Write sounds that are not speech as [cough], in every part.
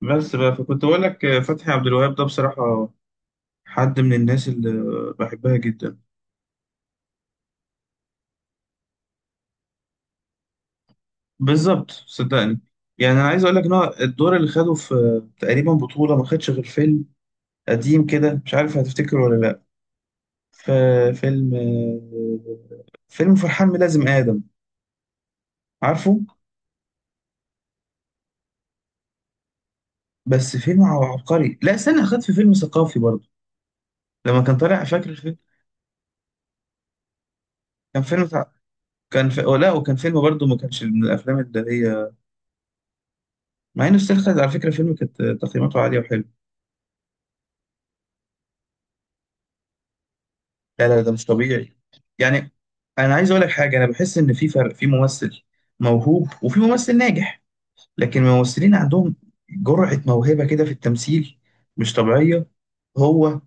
بس بقى فكنت أقول لك، فتحي عبد الوهاب ده بصراحة حد من الناس اللي بحبها جدا. بالظبط، صدقني. يعني أنا عايز أقول لك إن هو الدور اللي خده في تقريبا بطولة ما خدش غير فيلم قديم كده، مش عارف هتفتكر ولا لأ. ففيلم آه، فيلم فرحان ميلازم آدم، عارفه؟ بس فيلم عبقري. لا استنى، خد في فيلم ثقافي برضه لما كان طالع، فاكر الفيلم؟ كان فيلم بتاع، كان في... لا، وكان فيلم برضه ما كانش من الأفلام اللي هي، مع إنه استخدم على فكرة فيلم كانت تقييماته عالية وحلوة. لا لا، ده مش طبيعي. يعني انا عايز اقول لك حاجه، انا بحس ان في فرق في ممثل موهوب وفي ممثل ناجح، لكن الممثلين عندهم جرعه موهبه كده في التمثيل مش طبيعيه. هو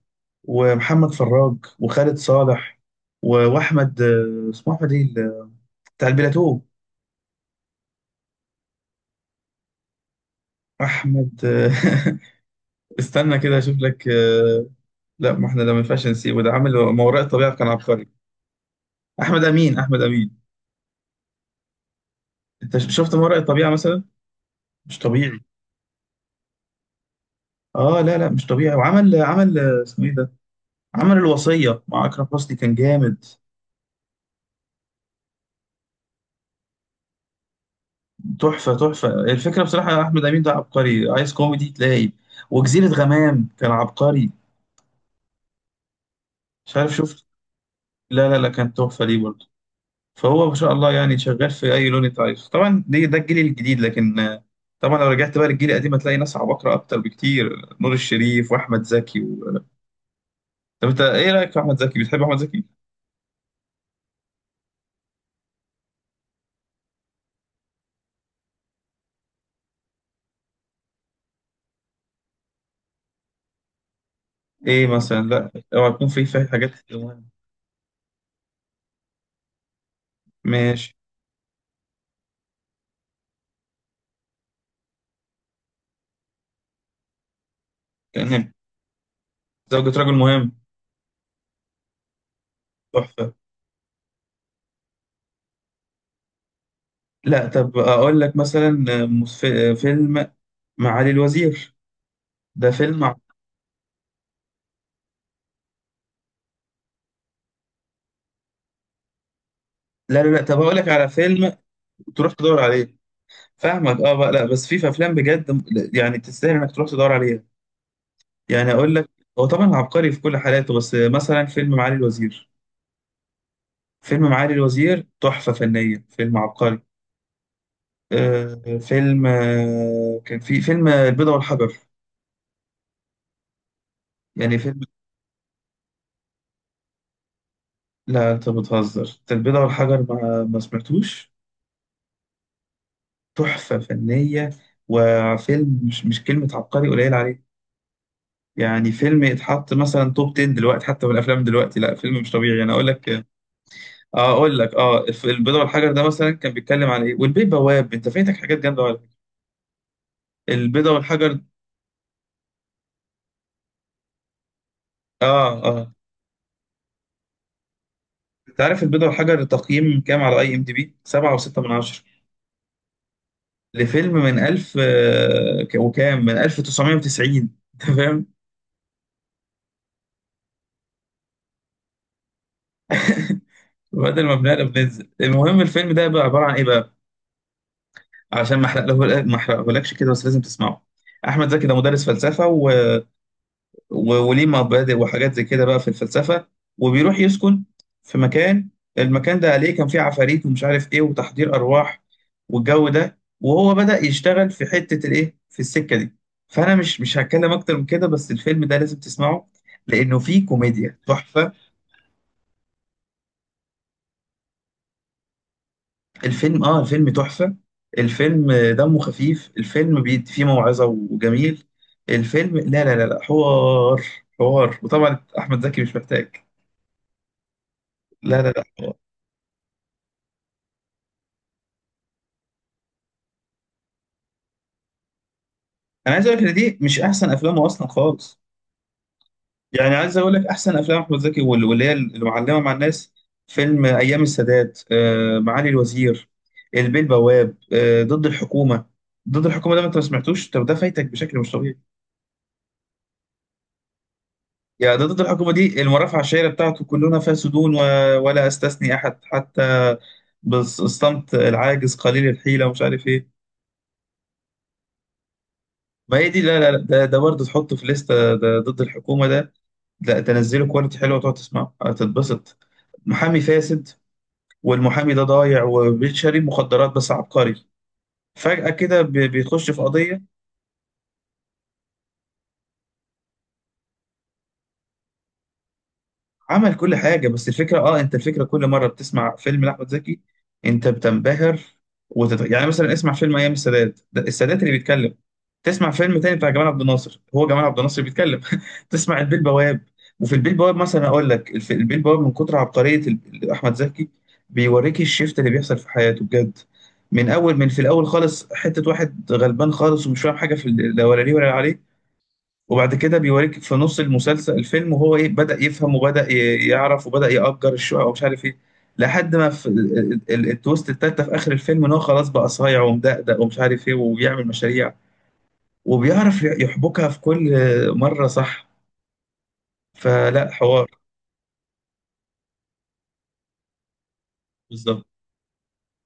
ومحمد فراج وخالد صالح و- واحمد، اسمه احمد ايه بتاع البلاتو؟ احمد [laughs] استنى كده اشوف لك. لا، ما احنا ده ما ينفعش نسيبه، ده عامل ما وراء الطبيعه كان عبقري. احمد امين، احمد امين. انت شفت ما وراء الطبيعه مثلا؟ مش طبيعي. اه لا لا مش طبيعي. وعمل عمل اسمه ايه ده، عمل الوصية مع أكرم حسني، كان جامد. تحفة، تحفة، الفكرة بصراحة أحمد أمين ده عبقري، عايز كوميدي تلاقي. وجزيرة غمام كان عبقري، مش عارف شفت؟ لا لا لا، كان تحفة ليه برضه. فهو ما شاء الله يعني شغال في أي لون أنت عايزه. طبعا دي ده الجيل الجديد، لكن طبعا لو رجعت بقى للجيل القديم هتلاقي ناس عباقرة أكتر بكتير. نور الشريف وأحمد زكي و... طب أنت إيه رأيك في أحمد زكي، بتحب أحمد زكي؟ إيه مثلا؟ لا اوعى يكون في حاجات. ماشي. زوجة رجل مهم، تحفة. لا، طب أقول لك مثلا فيلم معالي الوزير، ده فيلم لا لا لا، طب أقول لك على فيلم تروح تدور عليه. فاهمك، اه بقى، لا بس في أفلام بجد، يعني تستاهل إنك تروح تدور عليها. يعني أقول لك، هو طبعا عبقري في كل حالاته، بس مثلا فيلم معالي الوزير، فيلم معالي الوزير تحفة فنية، فيلم عبقري. آه فيلم آه كان في فيلم البيضة والحجر، يعني فيلم، لا انت بتهزر، انت البيضة والحجر ما سمعتوش؟ تحفة فنية. وفيلم مش كلمة عبقري قليل عليه. يعني فيلم يتحط مثلا توب 10 دلوقتي حتى من الافلام دلوقتي، لا فيلم مش طبيعي انا اقول لك. اه، اقول لك، اه البيضة والحجر ده مثلا كان بيتكلم على ايه، والبيه بواب، انت فايتك حاجات جامدة على فكرة. البيضة والحجر، اه اه. انت عارف البيضة والحجر تقييم كام على IMDb؟ 7.6 من 10، لفيلم من 1000 وكام من 1990؟ [laughs] انت فاهم؟ بدل ما بنقلب بننزل. المهم، الفيلم ده بقى عبارة عن ايه بقى، عشان ما احرقه، ما احرقهولكش كده، بس لازم تسمعه. احمد زكي ده مدرس فلسفه وليه مبادئ وحاجات زي كده بقى في الفلسفه، وبيروح يسكن في مكان، المكان ده عليه كان فيه عفاريت ومش عارف ايه وتحضير ارواح والجو ده، وهو بدأ يشتغل في حته الايه في السكه دي. فانا مش هتكلم اكتر من كده، بس الفيلم ده لازم تسمعه لانه فيه كوميديا تحفه. الفيلم، اه الفيلم تحفة. الفيلم دمه خفيف، الفيلم فيه موعظة وجميل. الفيلم، لا لا لا لا، حوار، حوار. وطبعا احمد زكي مش محتاج، لا لا لا، حوار. انا عايز اقول لك إن دي مش احسن افلامه اصلا خالص. يعني عايز اقول لك احسن افلام احمد زكي وال- واللي هي اللي معلمة مع الناس: فيلم ايام السادات، معالي الوزير، البيه البواب، ضد الحكومة. ضد الحكومة ده ما انت ما سمعتوش؟ طب ده فايتك بشكل مش طبيعي. يا ده، ضد الحكومة دي المرافع الشهيرة بتاعته، كلنا فاسدون و... ولا أستثني أحد حتى بالصمت العاجز قليل الحيلة ومش عارف إيه. ما هي دي، لا لا لا، ده برضه تحطه في لستة، ده ضد الحكومة ده. لا تنزله كواليتي حلوة، تقعد تسمعه هتتبسط. محامي فاسد، والمحامي ده ضايع وبيشتري مخدرات، بس عبقري. فجأة كده بيخش في قضية. عمل كل حاجة. بس الفكرة، اه انت، الفكرة كل مرة بتسمع فيلم لأحمد زكي انت بتنبهر. يعني مثلا اسمع فيلم ايام السادات، ده السادات اللي بيتكلم. تسمع فيلم تاني بتاع جمال عبد الناصر، هو جمال عبد الناصر اللي بيتكلم. [laughs] تسمع البيه البواب، وفي البيه البواب مثلا اقول لك البيه البواب، من كتر عبقرية احمد زكي بيوريك الشيفت اللي بيحصل في حياته بجد. من اول، من في الاول خالص حتة واحد غلبان خالص ومش فاهم حاجة في لا ولا ليه ولا عليه. وبعد كده بيوريك في نص المسلسل، الفيلم، وهو ايه بدأ يفهم وبدأ يعرف وبدأ يأجر الشقق ومش عارف ايه. لحد ما في التويست التالتة في آخر الفيلم، ان هو خلاص بقى صايع ومدقدق ومش عارف ايه وبيعمل مشاريع، وبيعرف يحبكها في كل مرة، صح؟ فلا، حوار. بالظبط.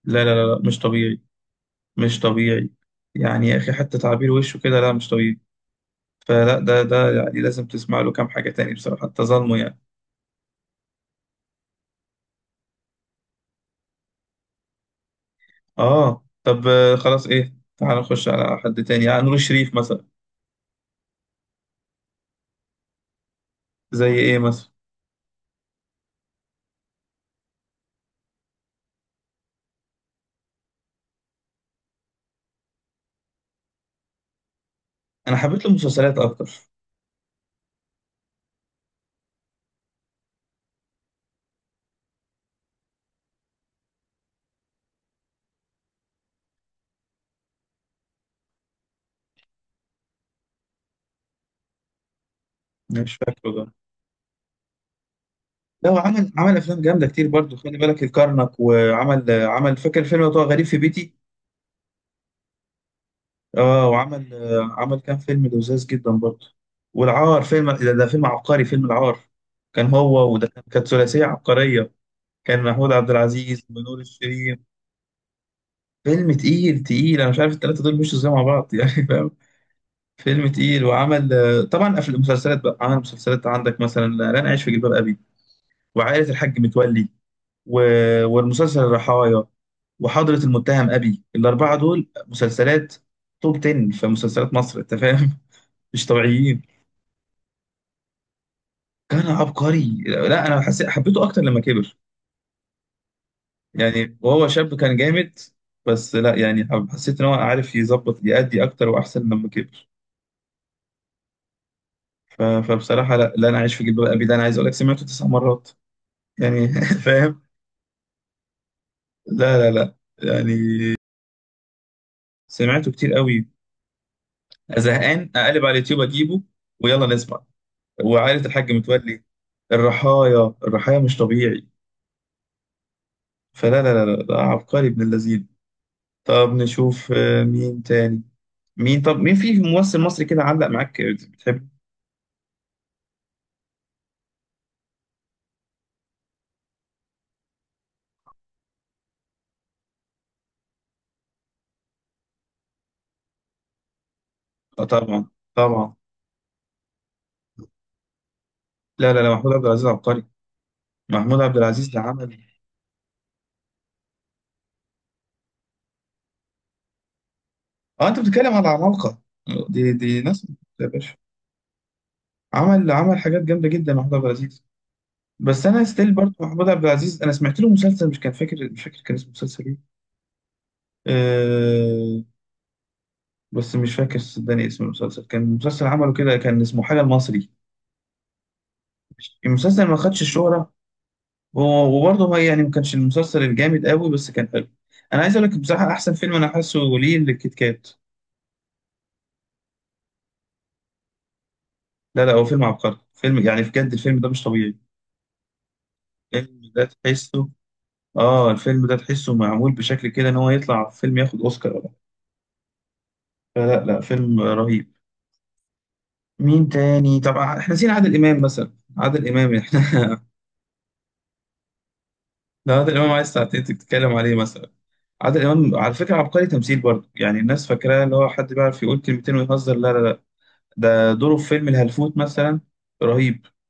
لا لا لا لا، مش طبيعي، مش طبيعي. يعني يا اخي حتى تعبير وشه كده، لا مش طبيعي. فلا، ده يعني لازم تسمع له كام حاجة تاني بصراحة، انت ظالمه يعني. اه طب، خلاص، ايه، تعال نخش على حد تاني، يعني نور الشريف مثلا. زي ايه مثلا؟ انا حبيت له مسلسلات اكتر. أنا مش فاكره ده. لو عمل افلام جامده كتير برضو، خلي بالك الكرنك، وعمل آه، عمل فاكر فيلم بتاع غريب في بيتي؟ اه، وعمل آه، عمل كام فيلم لذاذ جدا برضو. والعار، فيلم ده، ده فيلم عبقري، فيلم العار. كان هو، وده كانت ثلاثيه عبقريه. كان محمود عبد العزيز ونور الشريف. فيلم تقيل، تقيل، انا مش عارف الثلاثه دول مشوا ازاي مع بعض، يعني فاهم. فيلم تقيل. وعمل طبعا في المسلسلات بقى، عمل مسلسلات، عندك مثلا لن أعيش في جلباب أبي، وعائلة الحاج متولي، و... والمسلسل الرحايا، وحضرة المتهم أبي. الأربعة دول مسلسلات توب 10 في مسلسلات مصر، أنت فاهم. [laughs] مش طبيعيين. كان عبقري. لا أنا حسيت حبيته أكتر لما كبر. يعني وهو شاب كان جامد، بس لا يعني، حسيت إن هو عارف يظبط يأدي أكتر وأحسن لما كبر. فبصراحة لا لا، أنا عايش في جلباب أبي ده أنا عايز أقول لك سمعته 9 مرات يعني. [laughs] فاهم؟ لا لا لا، يعني سمعته كتير قوي. زهقان اقلب على اليوتيوب اجيبه، ويلا نسمع. وعائلة الحاج متولي، الرحايا، الرحايا مش طبيعي. فلا لا لا لا لا، عبقري ابن اللذين. طب نشوف مين تاني. طب مين في ممثل مصري كده علق معاك بتحب؟ طبعا، طبعا. لا لا لا، محمود عبد العزيز عبقري، محمود عبد العزيز ده عمل. اه انت بتتكلم على عمالقة، دي ناس يا باشا. عمل حاجات جامدة جدا محمود عبد العزيز. بس انا ستيل برضه، محمود عبد العزيز انا سمعت له مسلسل، مش فاكر كان اسمه مسلسل ايه. أه، بس مش فاكر صدقني اسم المسلسل، كان مسلسل عمله كده كان اسمه حاجه المصري. المسلسل ما خدش الشهره، وبرضه هو يعني ما كانش المسلسل الجامد قوي، بس كان حلو. انا عايز اقول لك بصراحه احسن فيلم انا حاسه ليه، الكيت كات. لا لا، هو فيلم عبقري، فيلم يعني بجد الفيلم ده مش طبيعي. الفيلم ده تحسه، اه الفيلم ده تحسه معمول بشكل كده ان هو يطلع فيلم ياخد اوسكار ولا حاجة. فلا لا، فيلم رهيب. مين تاني؟ طب احنا نسينا عادل امام مثلا. عادل امام، احنا [laughs] لو عادل امام عايز ساعتين تتكلم عليه مثلا. عادل امام على فكره عبقري تمثيل برضه، يعني الناس فاكراه اللي هو حد بيعرف يقول كلمتين ويهزر؟ لا لا لا، ده دوره في فيلم الهلفوت مثلا، رهيب.